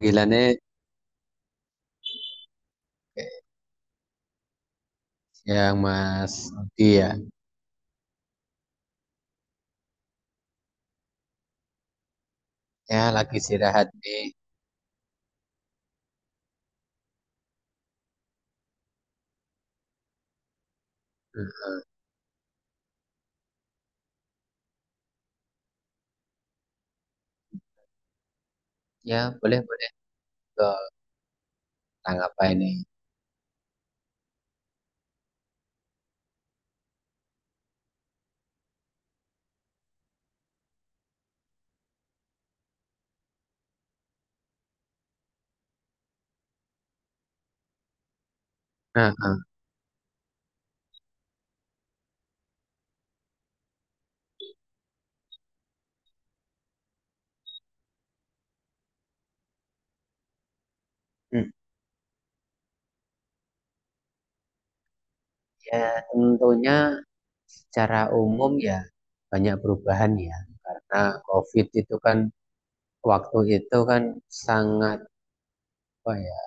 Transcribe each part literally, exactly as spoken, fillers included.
Panggilannya yang Mas Aldi ya. Ya lagi istirahat nih. Hmm. Ya boleh boleh ke tanggapan ini. Nah, ah, hmm. Ya tentunya secara umum ya banyak perubahan ya karena COVID itu kan waktu itu kan sangat apa ya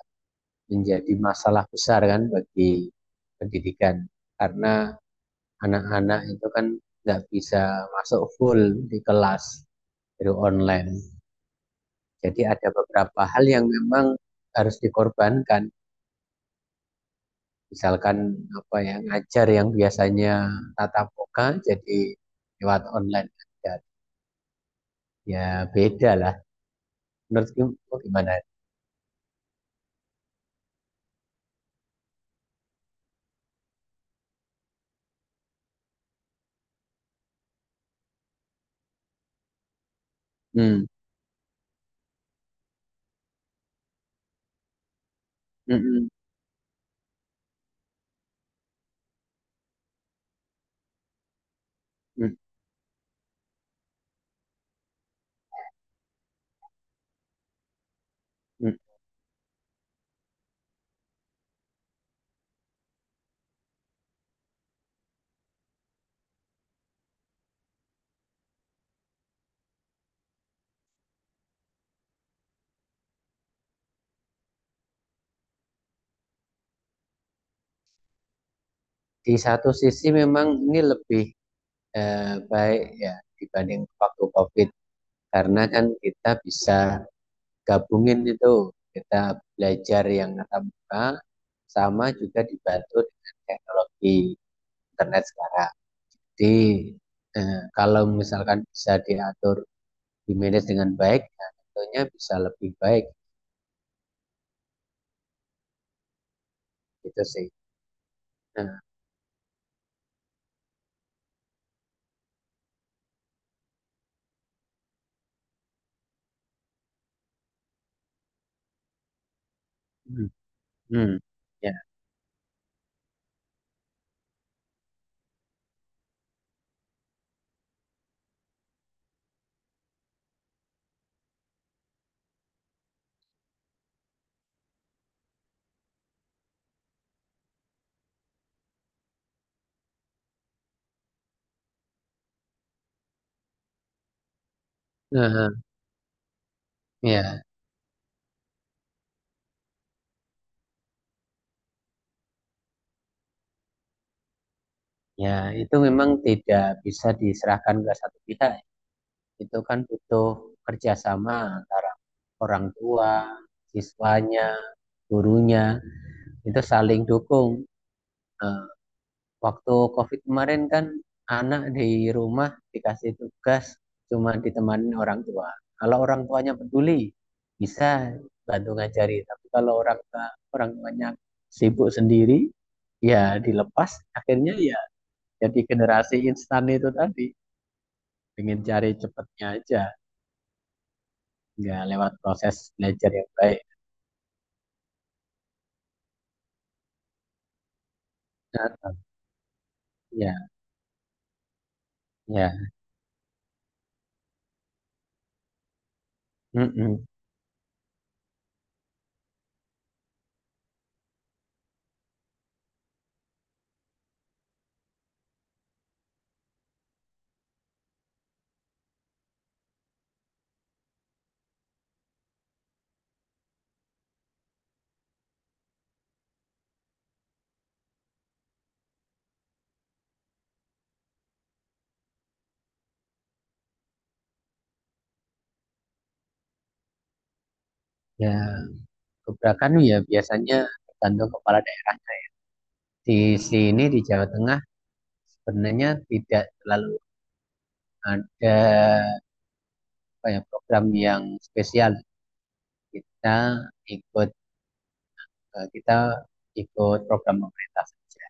menjadi masalah besar kan bagi pendidikan karena anak-anak itu kan nggak bisa masuk full di kelas dari online. Jadi ada beberapa hal yang memang harus dikorbankan. Misalkan apa yang ngajar yang biasanya tatap muka jadi lewat online aja. Ya beda lah. Menurut kamu gimana? Hmm. Mm-mm. Mm, mm. Mm. Di satu sisi memang ini lebih eh, baik ya dibanding waktu COVID, karena kan kita bisa gabungin itu, kita belajar yang tatap muka sama juga dibantu dengan teknologi internet sekarang. Jadi eh, kalau misalkan bisa diatur, di manage dengan baik, ya tentunya bisa lebih baik gitu sih. Nah. Hmm. Hmm. Ya. Nah. Ya. Ya, itu memang tidak bisa diserahkan ke satu pihak. Itu kan butuh kerjasama antara orang tua, siswanya, gurunya, itu saling dukung. Nah, waktu COVID kemarin kan anak di rumah dikasih tugas cuma ditemani orang tua. Kalau orang tuanya peduli bisa bantu ngajari, tapi kalau orang tua- orang tuanya sibuk sendiri ya dilepas akhirnya, ya jadi generasi instan itu tadi, pengen cari cepetnya aja, nggak lewat proses belajar yang baik. Nah. Ya. Ya. Mm-mm. Ya, gebrakan ya biasanya tergantung kepala daerah. Di sini di Jawa Tengah sebenarnya tidak terlalu ada apa ya, program yang spesial. Kita ikut eh, kita ikut program pemerintah saja.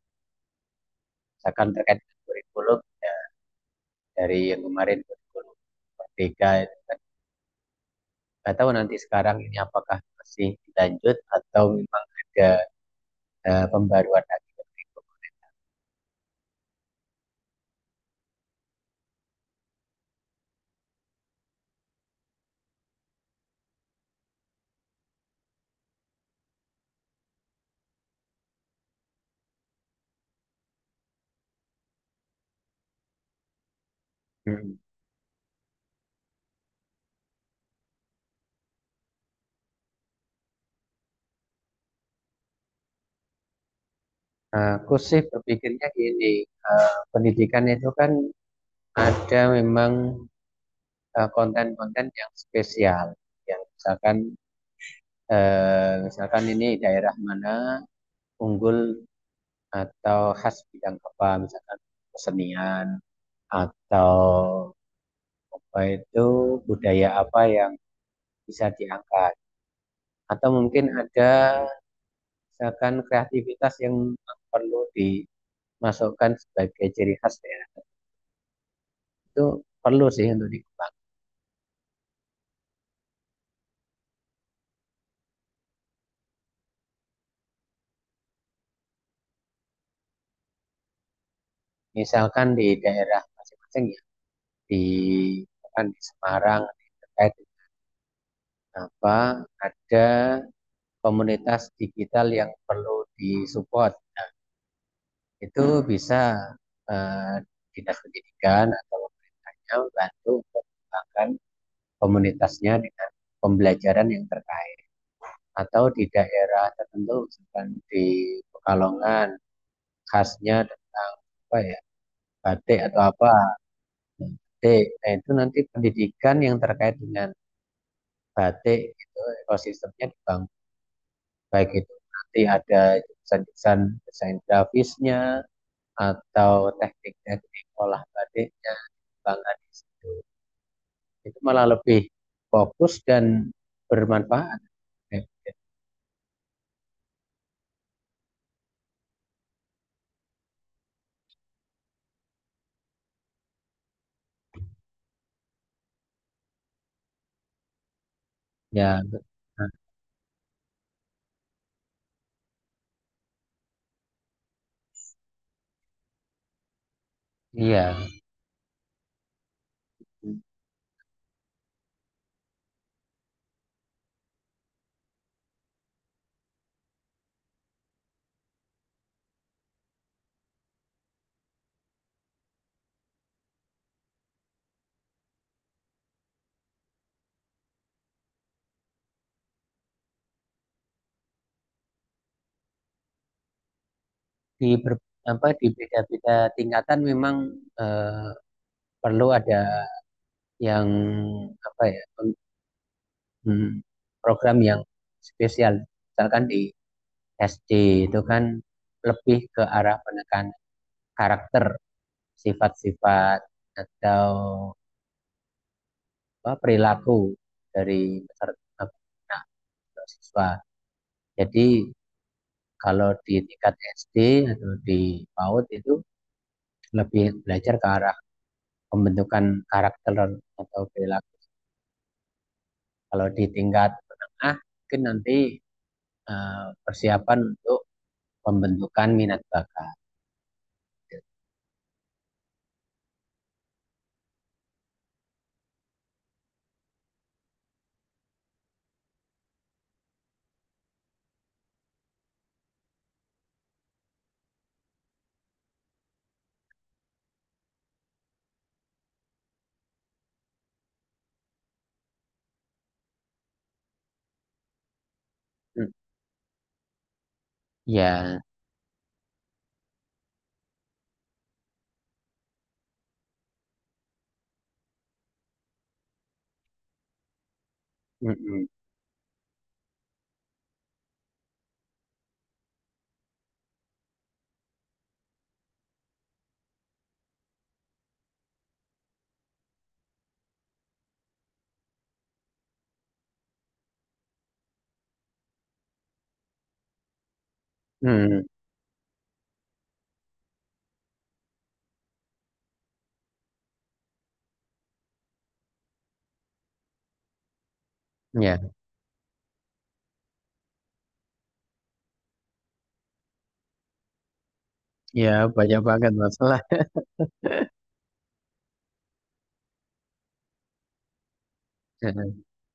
Misalkan terkait dengan kurikulum ya, dari yang kemarin kurikulum Merdeka kan. Nggak tahu nanti sekarang ini apakah masih dilanjut atau memang ada eh, pembaruan lagi ke kurikulum. Hmm. Aku sih berpikirnya gini, eh, pendidikan itu kan ada memang eh, konten-konten yang spesial. Yang misalkan eh, misalkan ini daerah mana unggul atau khas bidang apa, misalkan kesenian atau apa itu, budaya apa yang bisa diangkat. Atau mungkin ada misalkan kreativitas yang perlu dimasukkan sebagai ciri khas daerah. Itu perlu sih untuk dikembangkan. Misalkan di daerah masing-masing ya, di, misalkan di Semarang terkait apa, ada komunitas digital yang perlu disupport, itu bisa eh, dinas pendidikan atau pemerintahnya bantu untuk mengembangkan komunitasnya dengan pembelajaran yang terkait, atau di daerah tertentu misalkan di Pekalongan khasnya tentang apa ya, batik atau apa, batik, nah, itu nanti pendidikan yang terkait dengan batik itu ekosistemnya dibangun, baik itu nanti ada desain-desain desain grafisnya atau teknik-teknik olah batiknya, bangga di situ, itu malah lebih fokus dan bermanfaat ya. Ya. Nah. Iya, di ber, apa di beda-beda tingkatan memang eh, perlu ada yang apa ya, hmm, program yang spesial. Misalkan di es de itu kan lebih ke arah penekanan karakter, sifat-sifat atau apa, perilaku dari peserta anak atau siswa. Jadi kalau di tingkat es de atau di PAUD itu lebih belajar ke arah pembentukan karakter atau perilaku. Kalau di tingkat menengah mungkin nanti eh, persiapan untuk pembentukan minat bakat. Hmm. Ya. Mm-mm. Hmm. Hmm. Ya. Ya, banyak banget masalah.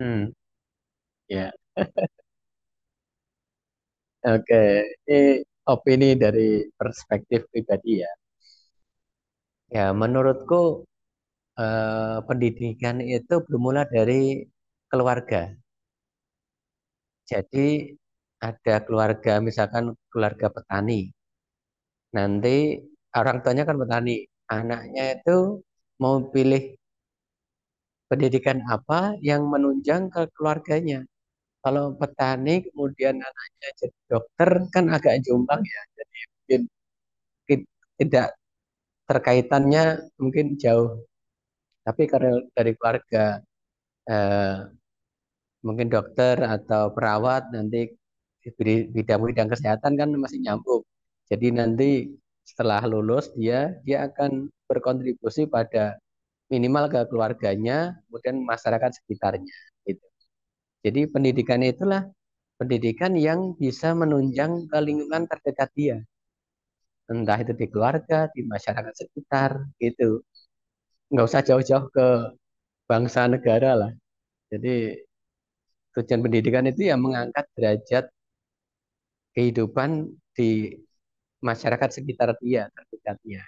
Hmm. Ya. Oke, ini opini dari perspektif pribadi ya. Ya, menurutku eh, pendidikan itu bermula dari keluarga. Jadi ada keluarga, misalkan keluarga petani. Nanti orang tuanya kan petani, anaknya itu mau pilih pendidikan apa yang menunjang ke keluarganya. Kalau petani kemudian anaknya jadi dokter kan agak jombang ya. Jadi mungkin tid- tidak, terkaitannya mungkin jauh, tapi karena dari keluarga eh, mungkin dokter atau perawat nanti di bidang-bidang kesehatan kan masih nyambung, jadi nanti setelah lulus dia dia akan berkontribusi pada minimal ke keluarganya kemudian masyarakat sekitarnya gitu. Jadi pendidikan itulah pendidikan yang bisa menunjang ke lingkungan terdekat dia, entah itu di keluarga di masyarakat sekitar gitu, nggak usah jauh-jauh ke bangsa negara lah. Jadi tujuan pendidikan itu ya mengangkat derajat kehidupan di masyarakat sekitar dia terdekatnya.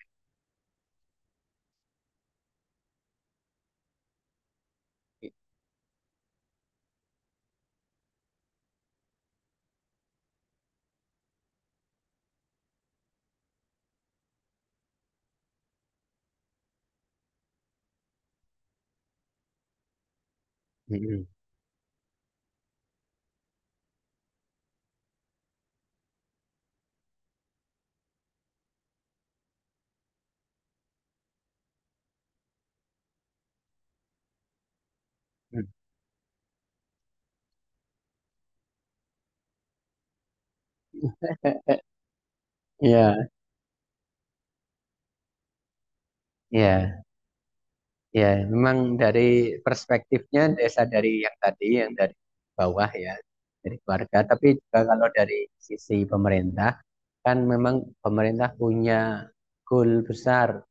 Ya. Ya. Ya. Memang dari perspektifnya desa dari yang tadi, yang dari bawah ya, dari keluarga. Tapi juga kalau dari sisi pemerintah, kan memang pemerintah punya goal besar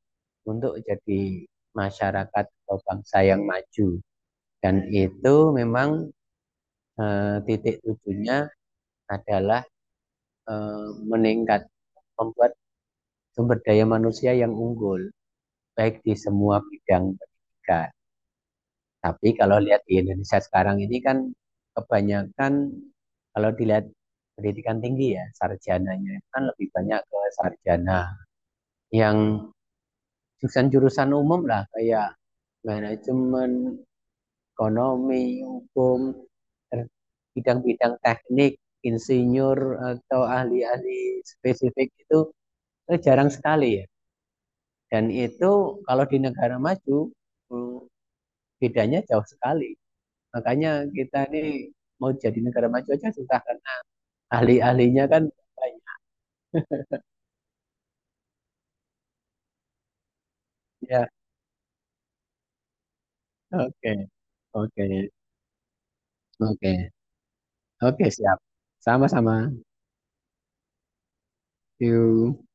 untuk jadi masyarakat atau bangsa yang maju. Dan itu memang eh, titik tujuannya adalah eh, meningkat membuat sumber daya manusia yang unggul baik di semua bidang pendidikan. Tapi kalau lihat di Indonesia sekarang ini kan kebanyakan kalau dilihat pendidikan tinggi ya, sarjananya kan lebih banyak ke sarjana yang jurusan-jurusan umum lah kayak manajemen, ekonomi, hukum, bidang-bidang teknik, insinyur, atau ahli-ahli spesifik itu eh, jarang sekali ya. Dan itu kalau di negara maju eh, bedanya jauh sekali. Makanya kita ini mau jadi negara maju aja susah kan. Ahli-ahlinya kan banyak. Ya, oke. Oke. Oke. Oke, siap. Sama-sama. See you.